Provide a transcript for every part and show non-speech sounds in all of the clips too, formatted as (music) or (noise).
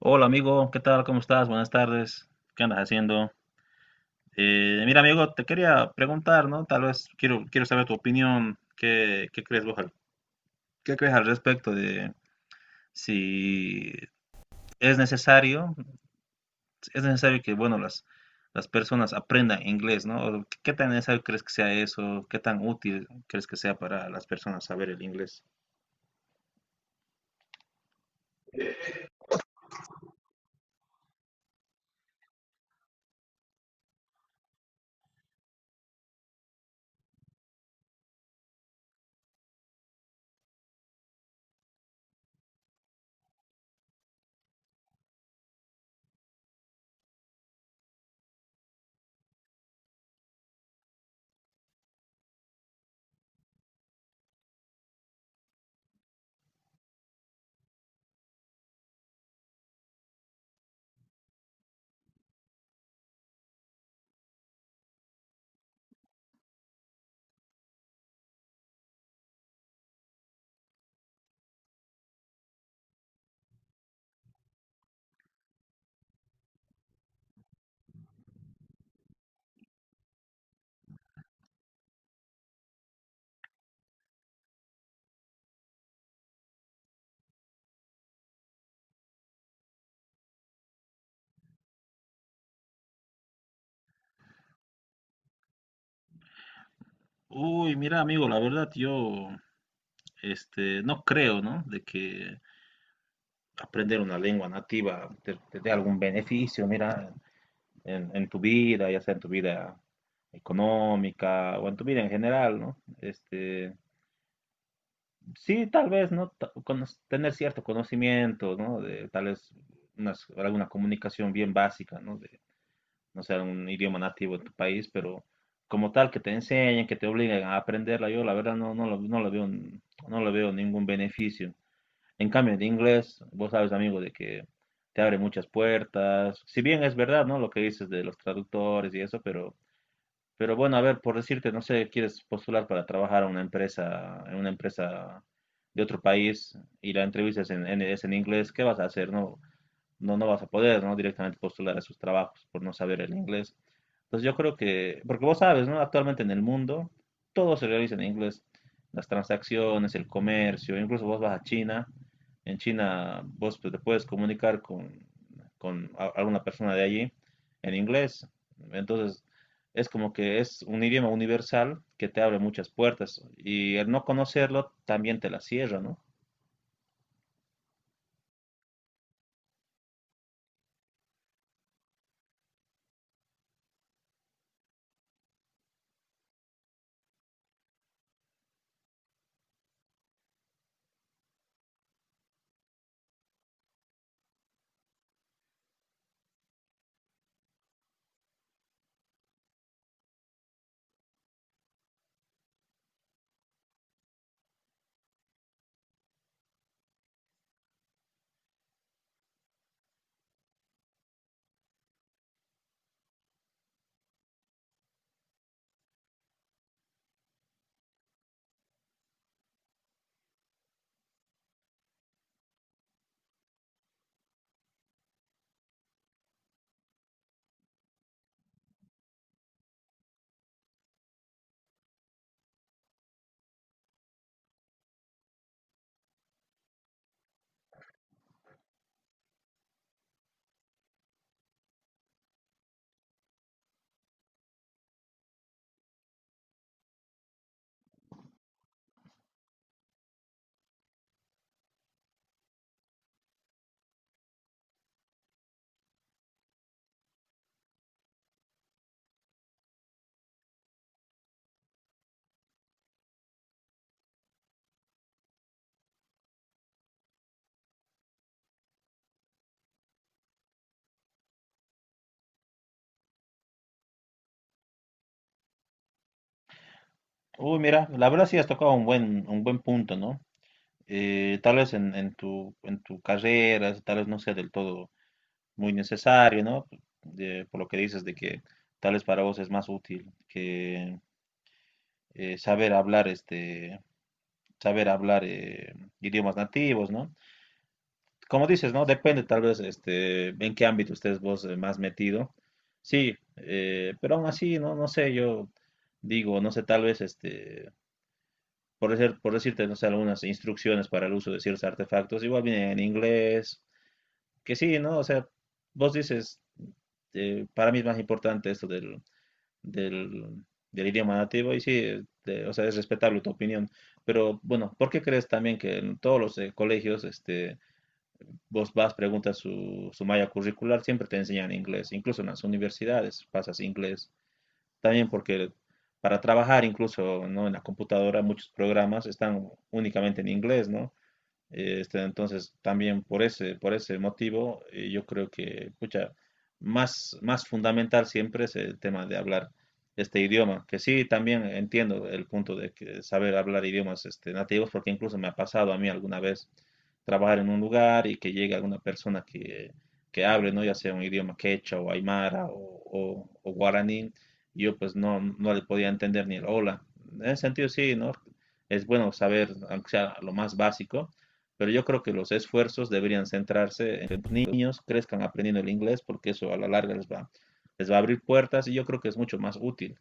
Hola amigo, ¿qué tal? ¿Cómo estás? Buenas tardes. ¿Qué andas haciendo? Mira amigo, te quería preguntar, ¿no? Tal vez quiero saber tu opinión. ¿Qué crees al respecto de si es necesario, es necesario que, bueno, las personas aprendan inglés, ¿no? O ¿Qué tan necesario crees que sea eso? ¿Qué tan útil crees que sea para las personas saber el inglés? Uy, mira amigo, la verdad yo, no creo, ¿no? De que aprender una lengua nativa te dé algún beneficio, mira, en tu vida, ya sea en tu vida económica o en tu vida en general, ¿no? Sí, tal vez, ¿no? Tener cierto conocimiento, ¿no? De, tal vez alguna comunicación bien básica, ¿no? De, no sea un idioma nativo de tu país, pero como tal, que te enseñen, que te obliguen a aprenderla, yo la verdad no lo veo ningún beneficio. En cambio, en inglés, vos sabes, amigo, de que te abre muchas puertas. Si bien es verdad, ¿no? Lo que dices de los traductores y eso, pero bueno, a ver, por decirte, no sé, quieres postular para trabajar en una empresa de otro país y la entrevista es en inglés, ¿qué vas a hacer, no? No, no vas a poder, ¿no? Directamente postular a sus trabajos por no saber el inglés. Entonces yo creo que, porque vos sabes, ¿no? Actualmente en el mundo todo se realiza en inglés, las transacciones, el comercio, incluso vos vas a China, en China vos te puedes comunicar con alguna persona de allí en inglés. Entonces es como que es un idioma universal que te abre muchas puertas y el no conocerlo también te la cierra, ¿no? Uy, mira, la verdad sí has tocado un buen punto, ¿no? Tal vez en tu carrera, tal vez no sea del todo muy necesario, ¿no? Por lo que dices de que tal vez para vos es más útil que eh, saber hablar, este, saber hablar idiomas nativos, ¿no? Como dices, ¿no? Depende tal vez en qué ámbito estés vos más metido. Sí, pero aún así, no, no sé, yo digo, no sé, tal vez por decirte, no sé, algunas instrucciones para el uso de ciertos artefactos, igual vienen en inglés que sí, ¿no? O sea, vos dices, para mí es más importante esto del, del idioma nativo y sí, o sea, es respetable tu opinión. Pero bueno, ¿por qué crees también que en todos los colegios, vos vas, preguntas su malla curricular, siempre te enseñan inglés, incluso en las universidades pasas inglés. También porque para trabajar, incluso, ¿no? En la computadora, muchos programas están únicamente en inglés, ¿no? Entonces, también por ese motivo, yo creo que, pucha, más fundamental siempre es el tema de hablar este idioma, que sí, también entiendo el punto de que saber hablar idiomas nativos, porque incluso me ha pasado a mí alguna vez trabajar en un lugar y que llegue alguna persona que hable, ¿no? Ya sea un idioma quechua o aymara o guaraní, y yo pues no le podía entender ni el hola. En ese sentido, sí, ¿no? Es bueno saber, aunque sea lo más básico, pero yo creo que los esfuerzos deberían centrarse en que los niños crezcan aprendiendo el inglés porque eso a la larga les va a abrir puertas y yo creo que es mucho más útil.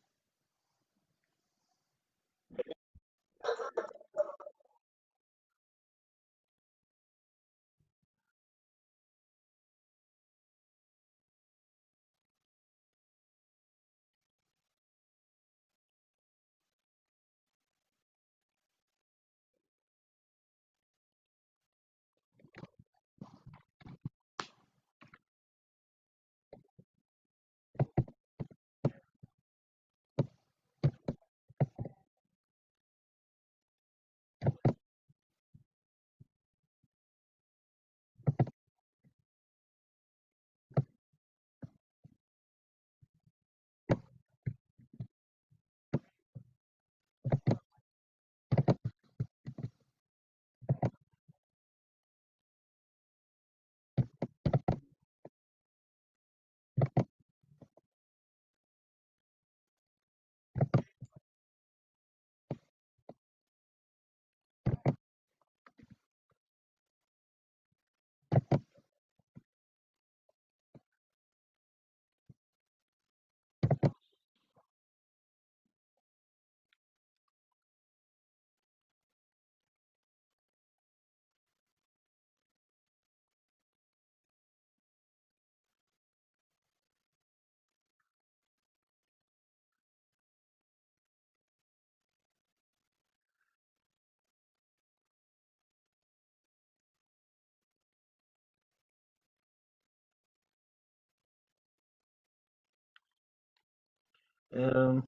Eh,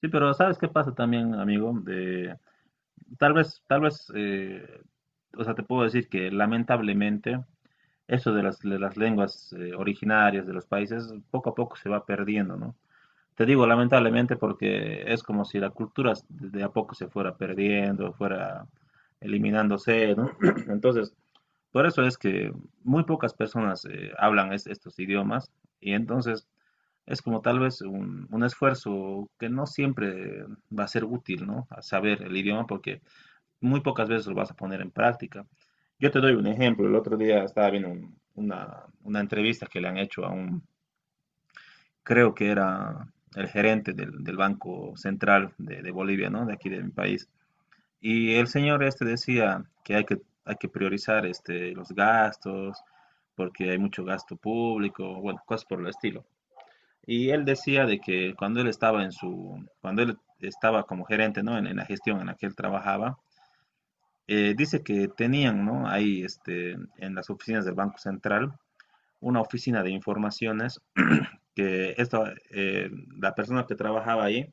sí, pero ¿sabes qué pasa también, amigo? Tal vez, o sea, te puedo decir que lamentablemente eso de las lenguas originarias de los países poco a poco se va perdiendo, ¿no? Te digo lamentablemente porque es como si la cultura de a poco se fuera perdiendo, fuera eliminándose, ¿no? (clears throat) Entonces, por eso es que muy pocas personas hablan estos idiomas y entonces es como tal vez un esfuerzo que no siempre va a ser útil, ¿no? A saber el idioma porque muy pocas veces lo vas a poner en práctica. Yo te doy un ejemplo. El otro día estaba viendo una entrevista que le han hecho a un, creo que era el gerente del Banco Central de Bolivia, ¿no? De aquí de mi país. Y el señor este decía que hay que priorizar los gastos, porque hay mucho gasto público, bueno, cosas por el estilo. Y él decía de que cuando él estaba cuando él estaba como gerente, ¿no? En la gestión en la que él trabajaba, dice que tenían, ¿no? Ahí, en las oficinas del Banco Central, una oficina de informaciones. Que esta, eh, la persona que trabajaba ahí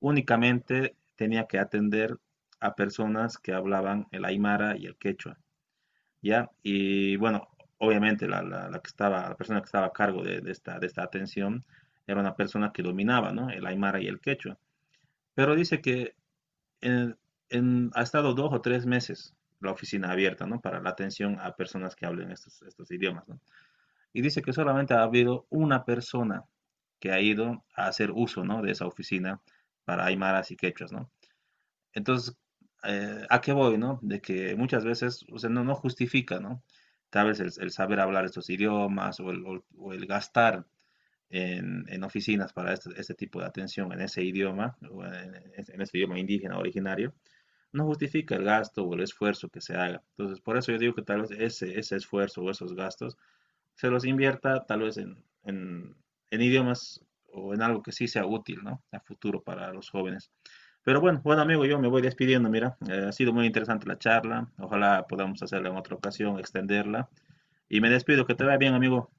únicamente tenía que atender a personas que hablaban el aymara y el quechua, ¿ya? Y bueno, obviamente la persona que estaba a cargo de esta atención era una persona que dominaba, ¿no? El aymara y el quechua. Pero dice que en- ha estado 2 o 3 meses la oficina abierta, ¿no? Para la atención a personas que hablen estos idiomas, ¿no? Y dice que solamente ha habido una persona que ha ido a hacer uso, ¿no? De esa oficina para aymaras y quechuas, ¿no? Entonces, ¿a qué voy, no? De que muchas veces, o sea, no justifica, ¿no? Tal vez el saber hablar estos idiomas o el gastar en oficinas para este tipo de atención en ese idioma, o en ese idioma indígena originario, no justifica el gasto o el esfuerzo que se haga. Entonces, por eso yo digo que tal vez ese esfuerzo o esos gastos se los invierta tal vez en, en idiomas o en algo que sí sea útil, ¿no? A futuro para los jóvenes. Pero bueno amigo, yo me voy despidiendo, mira, ha sido muy interesante la charla, ojalá podamos hacerla en otra ocasión, extenderla. Y me despido, que te vaya bien, amigo.